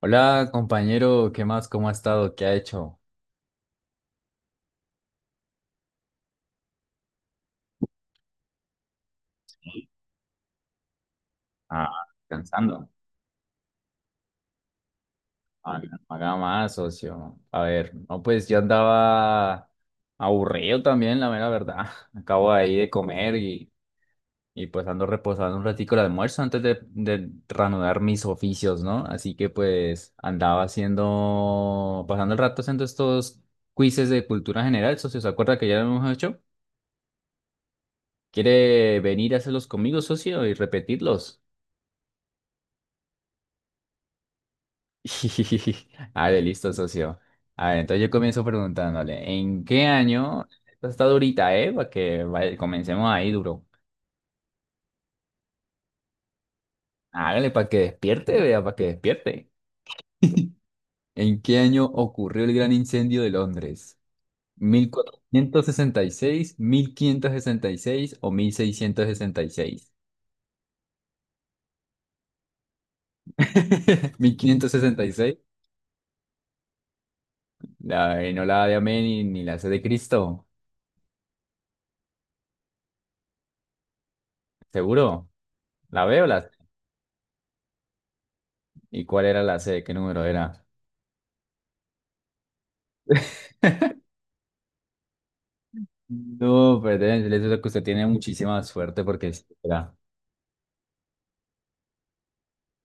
Hola, compañero, ¿qué más? ¿Cómo ha estado? ¿Qué ha hecho? Ah, descansando. Ah, no haga más, socio. A ver, no, pues yo andaba aburrido también, la mera verdad. Acabo ahí de comer y pues ando reposando un ratico el almuerzo antes de reanudar mis oficios, ¿no? Así que pues andaba haciendo, pasando el rato haciendo estos quizzes de cultura general, socio. ¿Se acuerda que ya lo hemos hecho? ¿Quiere venir a hacerlos conmigo, socio, y repetirlos? ¡Ah, de listo, socio! A ver, entonces yo comienzo preguntándole, ¿en qué año? Esto está durita, ¿eh? Comencemos ahí duro. Hágale para que despierte, vea, para que despierte. ¿En qué año ocurrió el gran incendio de Londres? Mil cuatrocientos sesenta y seis, mil quinientos sesenta y seis o mil seiscientos sesenta y seis. seis. Mil quinientos sesenta y seis. La E, no la A de Amén ni la C de Cristo. ¿Seguro? ¿La veo la C? ¿Y cuál era la C? ¿Qué número era? No, pues deben decirles que usted tiene muchísima suerte porque es espera,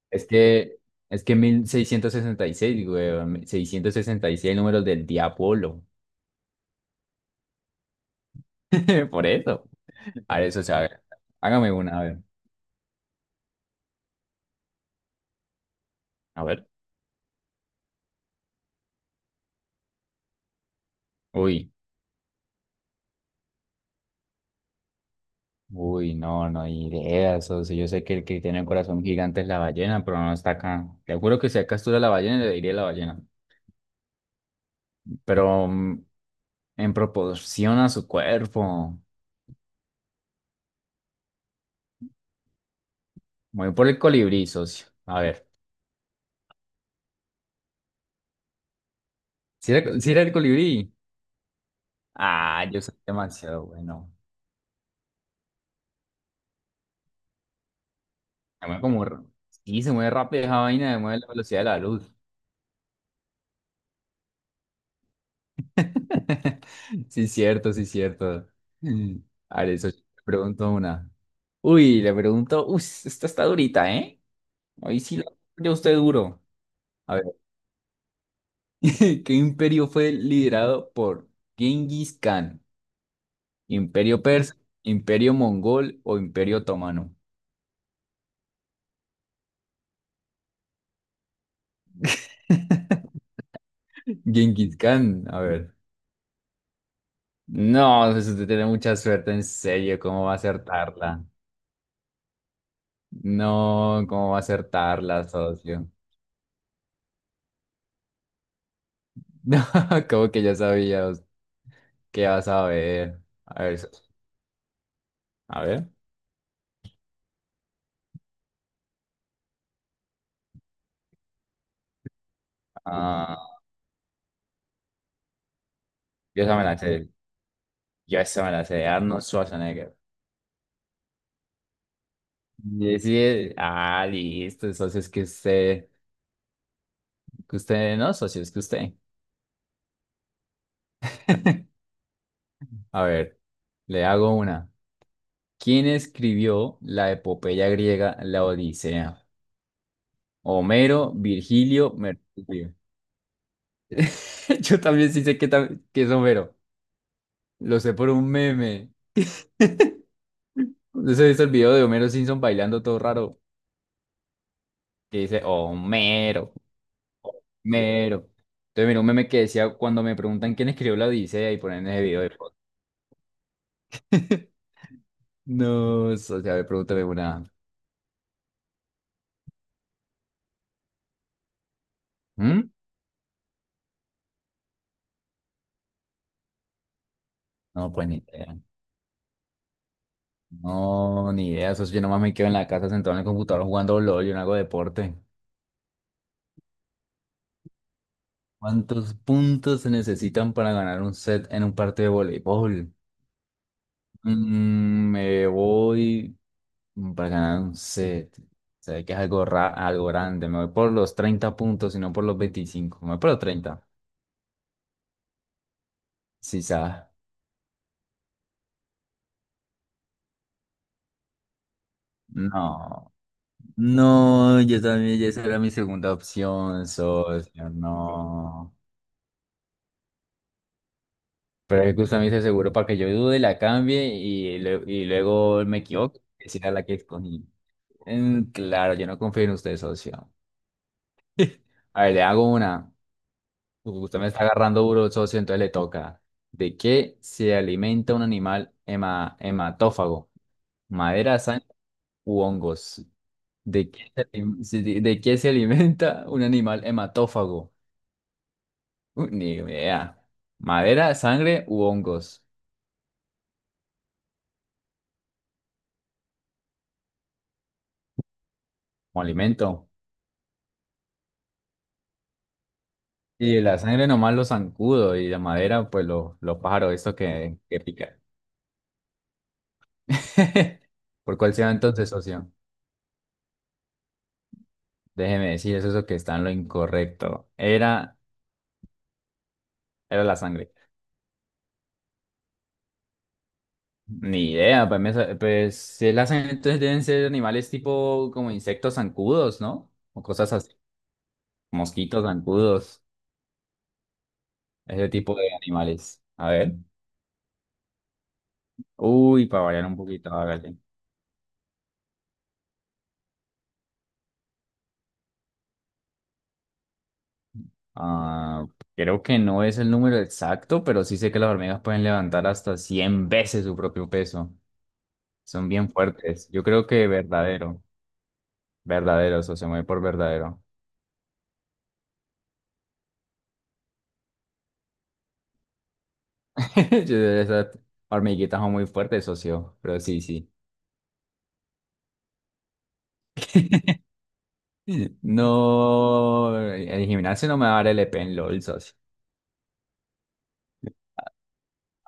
es que es que 1666, güey, seiscientos sesenta y seis, números del diablo. Por eso. A ver, eso, o sea, a ver, hágame una, a ver. A ver. Uy, uy, no, no hay ideas. O sea, yo sé que el que tiene un corazón gigante es la ballena, pero no está acá. Te juro que si acá estuviera la ballena, le diría la ballena. Pero en proporción a su cuerpo. Voy por el colibrí, socio. A ver. Si era, sí era el colibrí. Ah, yo soy demasiado bueno. Se mueve como... r- Sí, se mueve rápido esa vaina, se mueve a la velocidad de la luz. Sí, cierto, sí, cierto. A ver, eso te pregunto una. Uy, esta está durita, ¿eh? Hoy sí lo... Yo usted duro. A ver. ¿Qué imperio fue liderado por Genghis Khan? ¿Imperio persa, imperio mongol o imperio otomano? Genghis Khan, a ver. No, pues usted tiene mucha suerte, en serio, ¿cómo va a acertarla? No, ¿cómo va a acertarla, socio? No, como que ya sabía, qué vas a ver. A ver, socio, a ver. Ah, yo esa me la sé, yo esa me la sé, Arnold Schwarzenegger. Y sí, ah, listo, socio, es que usted, no, socio, es que usted. A ver, le hago una. ¿Quién escribió la epopeya griega, la Odisea? Homero, Virgilio, Mercurio. Yo también sí sé que es Homero. Lo sé por un meme. No sé visto el video de Homero Simpson bailando todo raro. Que dice, Homero, Homero. Entonces, mira, un meme que decía, cuando me preguntan quién escribió la Odisea y ponen ese video de foto. No, eso, o sea, me pregúntame una. ¿Mm? No, pues ni idea. No, ni idea. Eso sí, yo nomás me quedo en la casa sentado en el computador jugando LOL, yo no hago deporte. ¿Cuántos puntos se necesitan para ganar un set en un partido de voleibol? Mm, me voy para ganar un set. Se ve que es algo, algo grande. Me voy por los 30 puntos y no por los veinticinco. Me voy por los treinta. Sí, sabes. No. No, yo también, ya esa era mi segunda opción, socio. No. Pero es que usted me dice seguro para que yo dude, la cambie y luego me equivoque. Esa era la que escogí. Mm, claro, yo no confío en usted, socio. A ver, le hago una. Usted me está agarrando duro, socio, entonces le toca. ¿De qué se alimenta un animal hematófago? ¿Madera, sangre u hongos? ¿De qué se alimenta un animal hematófago? Ni idea. ¿Madera, sangre u hongos? Como alimento. Y la sangre nomás lo zancudo y la madera, pues los pájaros, estos que pican. ¿Por cuál se va entonces, socio? Déjeme decir, eso es lo que está en lo incorrecto. Era la sangre. Ni idea, pues, pues, si las hacen, entonces deben ser animales tipo como insectos zancudos, ¿no? O cosas así, mosquitos zancudos, ese tipo de animales. A ver. Uy, para variar un poquito, hágale. Ah, creo que no es el número exacto, pero sí sé que las hormigas pueden levantar hasta 100 veces su propio peso. Son bien fuertes. Yo creo que verdadero, verdadero, socio, me voy por verdadero. Yo- esas hormiguitas son muy fuertes, socio, pero sí, sí. No, el gimnasio no me va a dar LP en LOL, socio.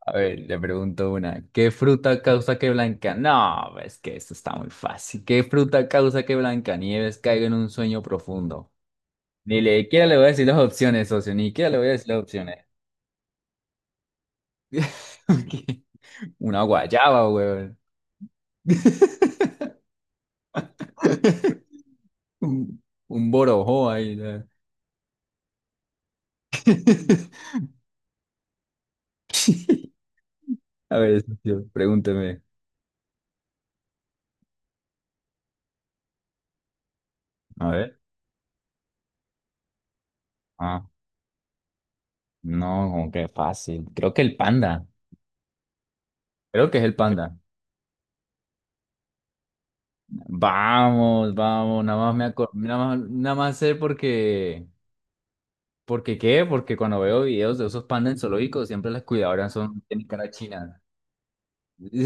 A ver, le pregunto una. ¿Qué fruta causa que Blanca? No, es que esto está muy fácil. ¿Qué fruta causa que Blancanieves caiga en un sueño profundo? Ni le- Siquiera le voy a decir las opciones, socio. Ni siquiera le voy a decir las opciones. ¿Qué? Una guayaba, weón. Un, un borojó ahí, ¿no? A ver, socio, pregúnteme. A ver. Ah. No, como que fácil. Creo que el panda. Creo que es el panda. Vamos, vamos. Nada más me acor- nada más, nada más sé porque. ¿Porque qué? Porque cuando veo videos de esos pandas en zoológicos, siempre las cuidadoras son tienen cara china.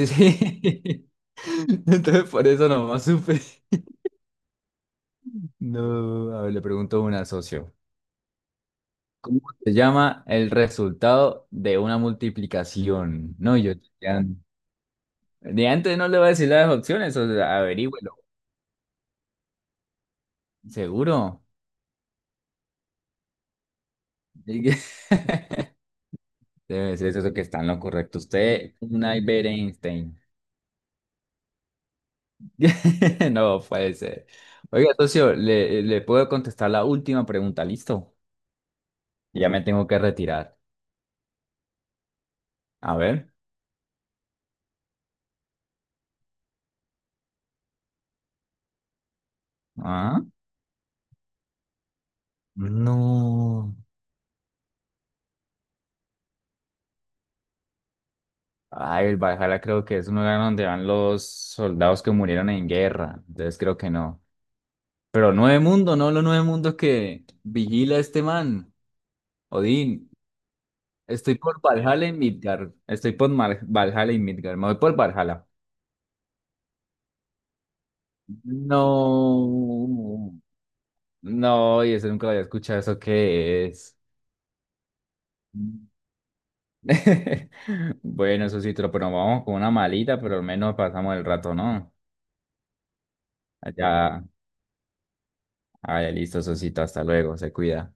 Sí. Entonces por eso nomás supe. No, a ver, le pregunto a una socio. ¿Cómo se llama el resultado de una multiplicación? No, yo ya, de antes no le voy a decir las opciones, o sea, averígüelo. ¿Seguro? Diga- debe ser eso que está en lo correcto. Usted, un Albert Einstein. No puede ser. Oiga, socio, le puedo contestar la última pregunta, ¿listo? Ya me tengo que retirar. A ver. Ah, no. Ay, el Valhalla creo que es un lugar donde van los soldados que murieron en guerra. Entonces creo que no. Pero Nueve Mundo, no los Nueve Mundos que vigila este man, Odín. Estoy por Valhalla y Midgard. Valhalla y Midgard. Me voy por Valhalla. No. No, y eso nunca lo había escuchado. ¿Eso qué es? Bueno, eso sí, pero vamos con una malita, pero al menos pasamos el rato, ¿no? Allá. Ah, listo, Sosito. Hasta luego. Se cuida.